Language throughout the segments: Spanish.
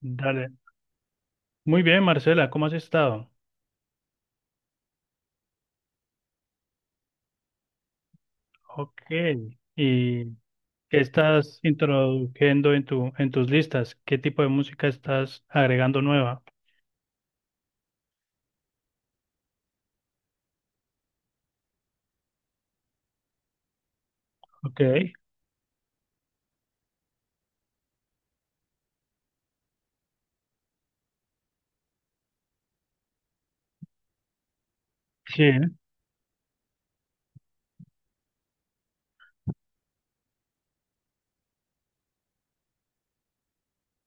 Dale. Muy bien, Marcela, ¿cómo has estado? Ok. ¿Y qué estás introduciendo en tus listas? ¿Qué tipo de música estás agregando nueva? Ok, sí,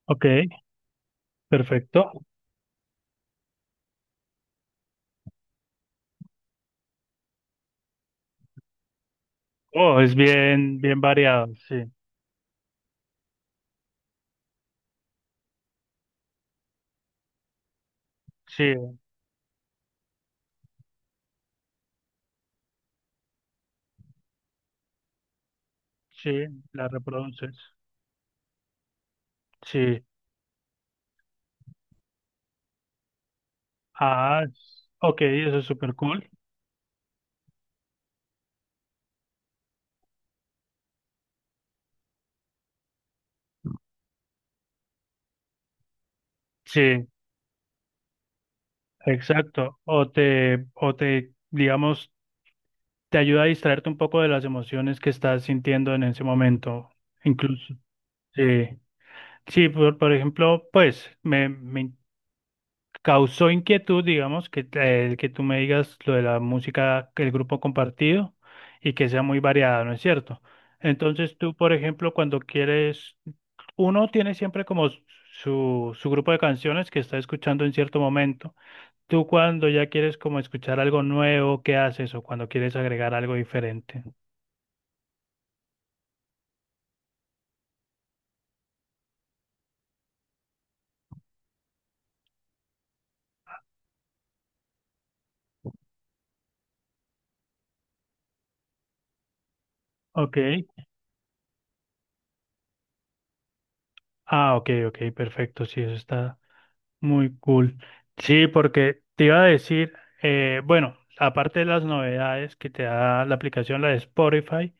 ok, perfecto. Oh, es bien, bien variado, sí, sí, sí, la reproduces, sí. Ok, eso es súper cool. Sí, exacto. O te, digamos, te ayuda a distraerte un poco de las emociones que estás sintiendo en ese momento, incluso. Sí, sí, por ejemplo, pues me causó inquietud, digamos, que tú me digas lo de la música, que el grupo compartido y que sea muy variada, ¿no es cierto? Entonces tú, por ejemplo, cuando quieres, uno tiene siempre como su grupo de canciones que está escuchando en cierto momento. Tú cuando ya quieres como escuchar algo nuevo, ¿qué haces? O cuando quieres agregar algo diferente. Ok. Ah, ok, ok, perfecto. Sí, eso está muy cool. Sí, porque te iba a decir, bueno, aparte de las novedades que te da la aplicación, la de Spotify,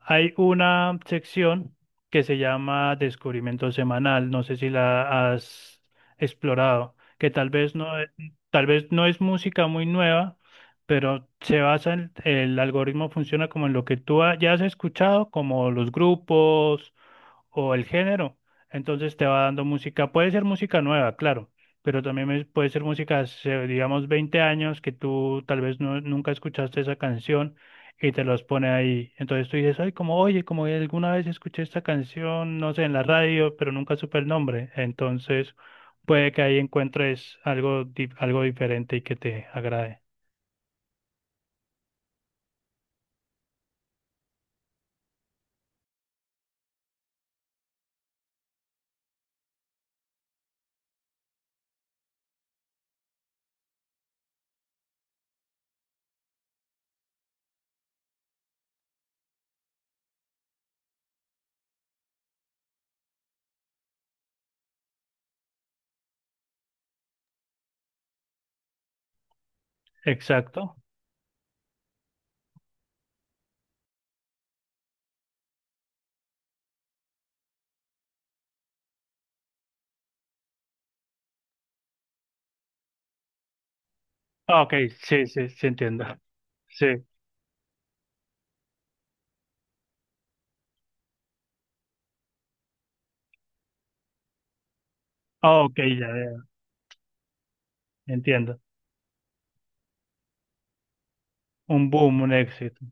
hay una sección que se llama Descubrimiento Semanal. No sé si la has explorado, que tal vez no, e- tal vez no es música muy nueva, pero se basa en, el algoritmo funciona como en lo que ya has escuchado, como los grupos o el género. Entonces te va dando música, puede ser música nueva, claro, pero también puede ser música, hace, digamos, 20 años que tú tal vez no- nunca escuchaste esa canción y te los pone ahí. Entonces tú dices, ay, como, oye, como alguna vez escuché esta canción, no sé, en la radio, pero nunca supe el nombre. Entonces puede que ahí encuentres algo diferente y que te agrade. Exacto. Ah, ok, sí, sí, sí, entiendo. Sí. Ah, ok, ya, ya, entiendo. Un boom, un éxito.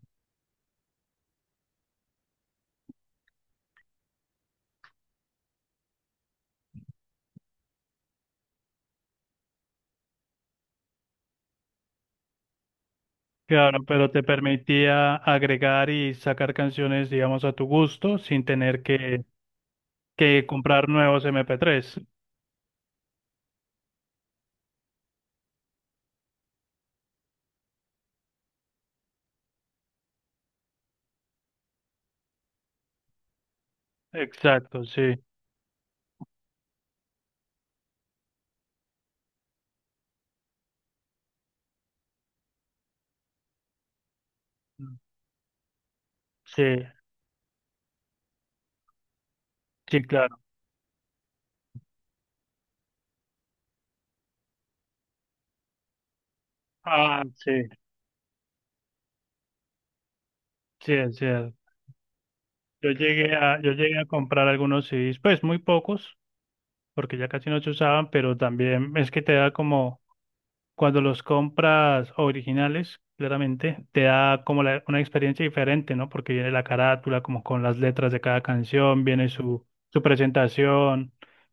Claro, pero te permitía agregar y sacar canciones, digamos, a tu gusto sin tener que comprar nuevos MP3. Exacto, sí. Sí, sí, claro. Ah, sí, sí, es cierto. Yo llegué a comprar algunos CDs, pues muy pocos, porque ya casi no se usaban, pero también es que te da como. Cuando los compras originales, claramente, te da como una experiencia diferente, ¿no? Porque viene la carátula, como con las letras de cada canción, viene su presentación,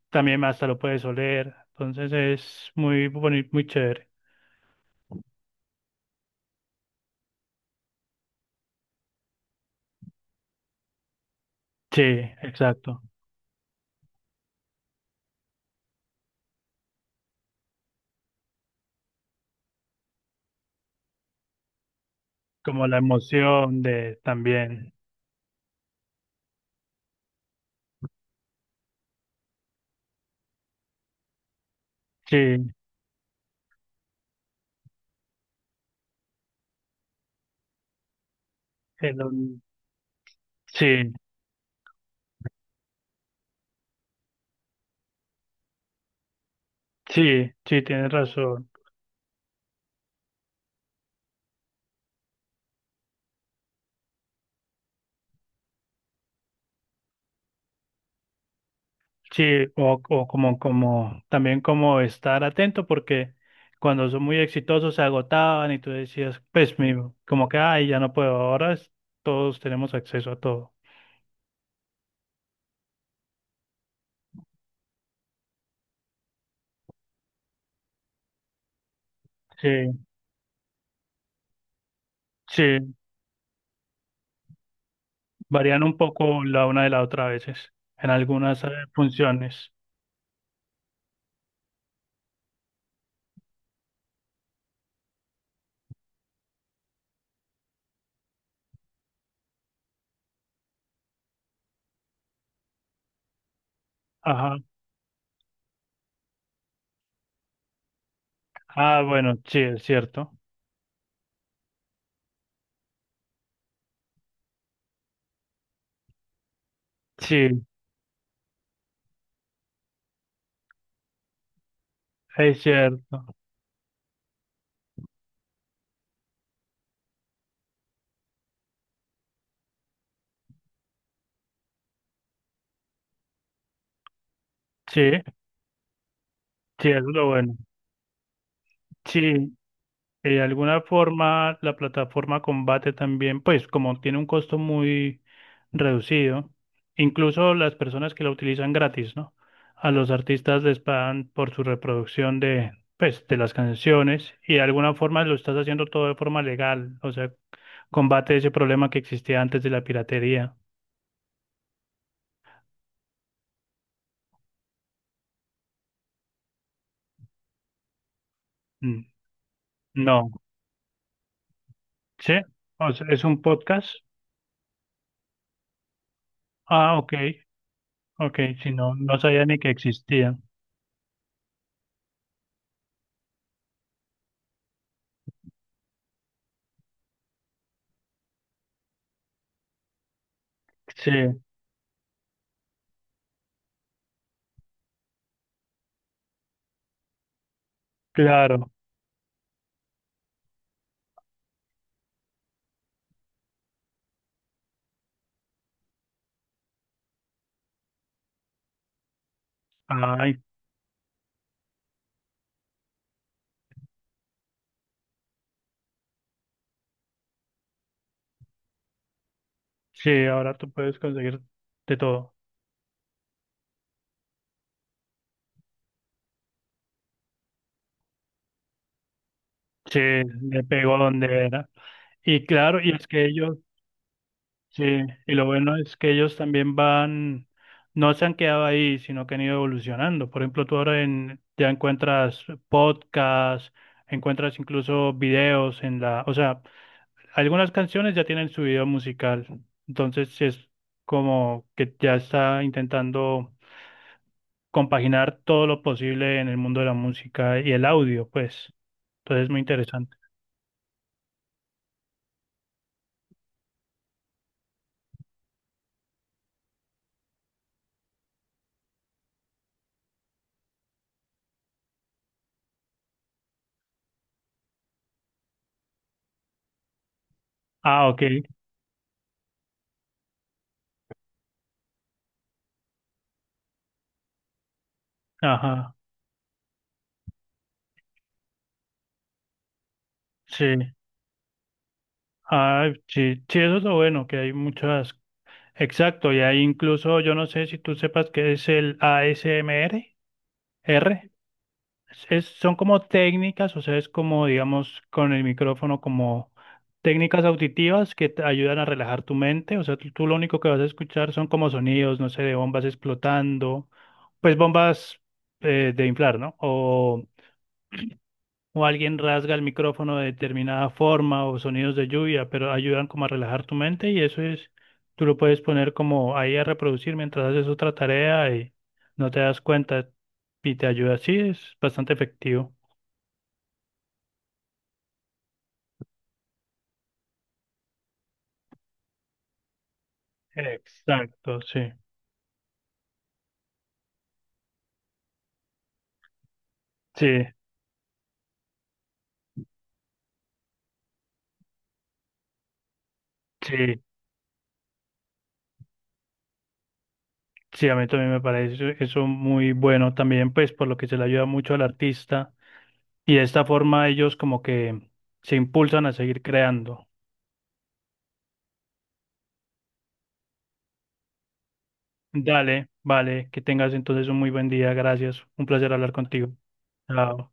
también hasta lo puedes oler, entonces es muy bonito, muy chévere. Sí, exacto. Como la emoción de también. Sí, el- sí, sí, sí, tienes razón. Sí, también como estar atento porque cuando son muy exitosos se agotaban y tú decías, como que, ay, ya no puedo, todos tenemos acceso a todo. Sí, sí, varían un poco la una de la otra a veces, en algunas funciones. Ajá. Ah, bueno, sí, es cierto. Sí, es cierto. Sí, sí, eso es lo bueno. Sí, de alguna forma, la plataforma combate también, pues como tiene un costo muy reducido, incluso las personas que la utilizan gratis, ¿no? A los artistas les pagan por su reproducción de las canciones y de alguna forma lo estás haciendo todo de forma legal, o sea, combate ese problema que existía antes de la piratería. Mm. No, ¿sí? O sea, ¿es un podcast? Ah, ok, ok, si no, no sabía ni que existía. Sí, claro. Ah, sí, ahora tú puedes conseguir de todo. Sí, le pegó donde era. Y claro, y es que ellos, sí, y lo bueno es que ellos también van, no se han quedado ahí, sino que han ido evolucionando. Por ejemplo, ya encuentras podcasts, encuentras incluso videos en la, o sea, algunas canciones ya tienen su video musical. Entonces sí es como que ya está intentando compaginar todo lo posible en el mundo de la música y el audio, pues. Entonces es muy interesante. Ah, ok. Ajá. Sí. Ah, sí. Sí, eso es lo bueno, que hay muchas. Exacto, y hay incluso, yo no sé si tú sepas qué es el ASMR, R. R. Son como técnicas, o sea, es como, digamos, con el micrófono, como técnicas auditivas que te ayudan a relajar tu mente. O sea, tú lo único que vas a escuchar son como sonidos, no sé, de bombas explotando, pues bombas de inflar, ¿no? O alguien rasga el micrófono de determinada forma o sonidos de lluvia, pero ayudan como a relajar tu mente y eso es, tú lo puedes poner como ahí a reproducir mientras haces otra tarea y no te das cuenta y te ayuda. Sí, es bastante efectivo. Exacto, sí, sí, sí, sí, a mí también me parece eso muy bueno también, pues por lo que se le ayuda mucho al artista y de esta forma ellos como que se impulsan a seguir creando. Dale, vale, que tengas entonces un muy buen día, gracias, un placer hablar contigo. Chao.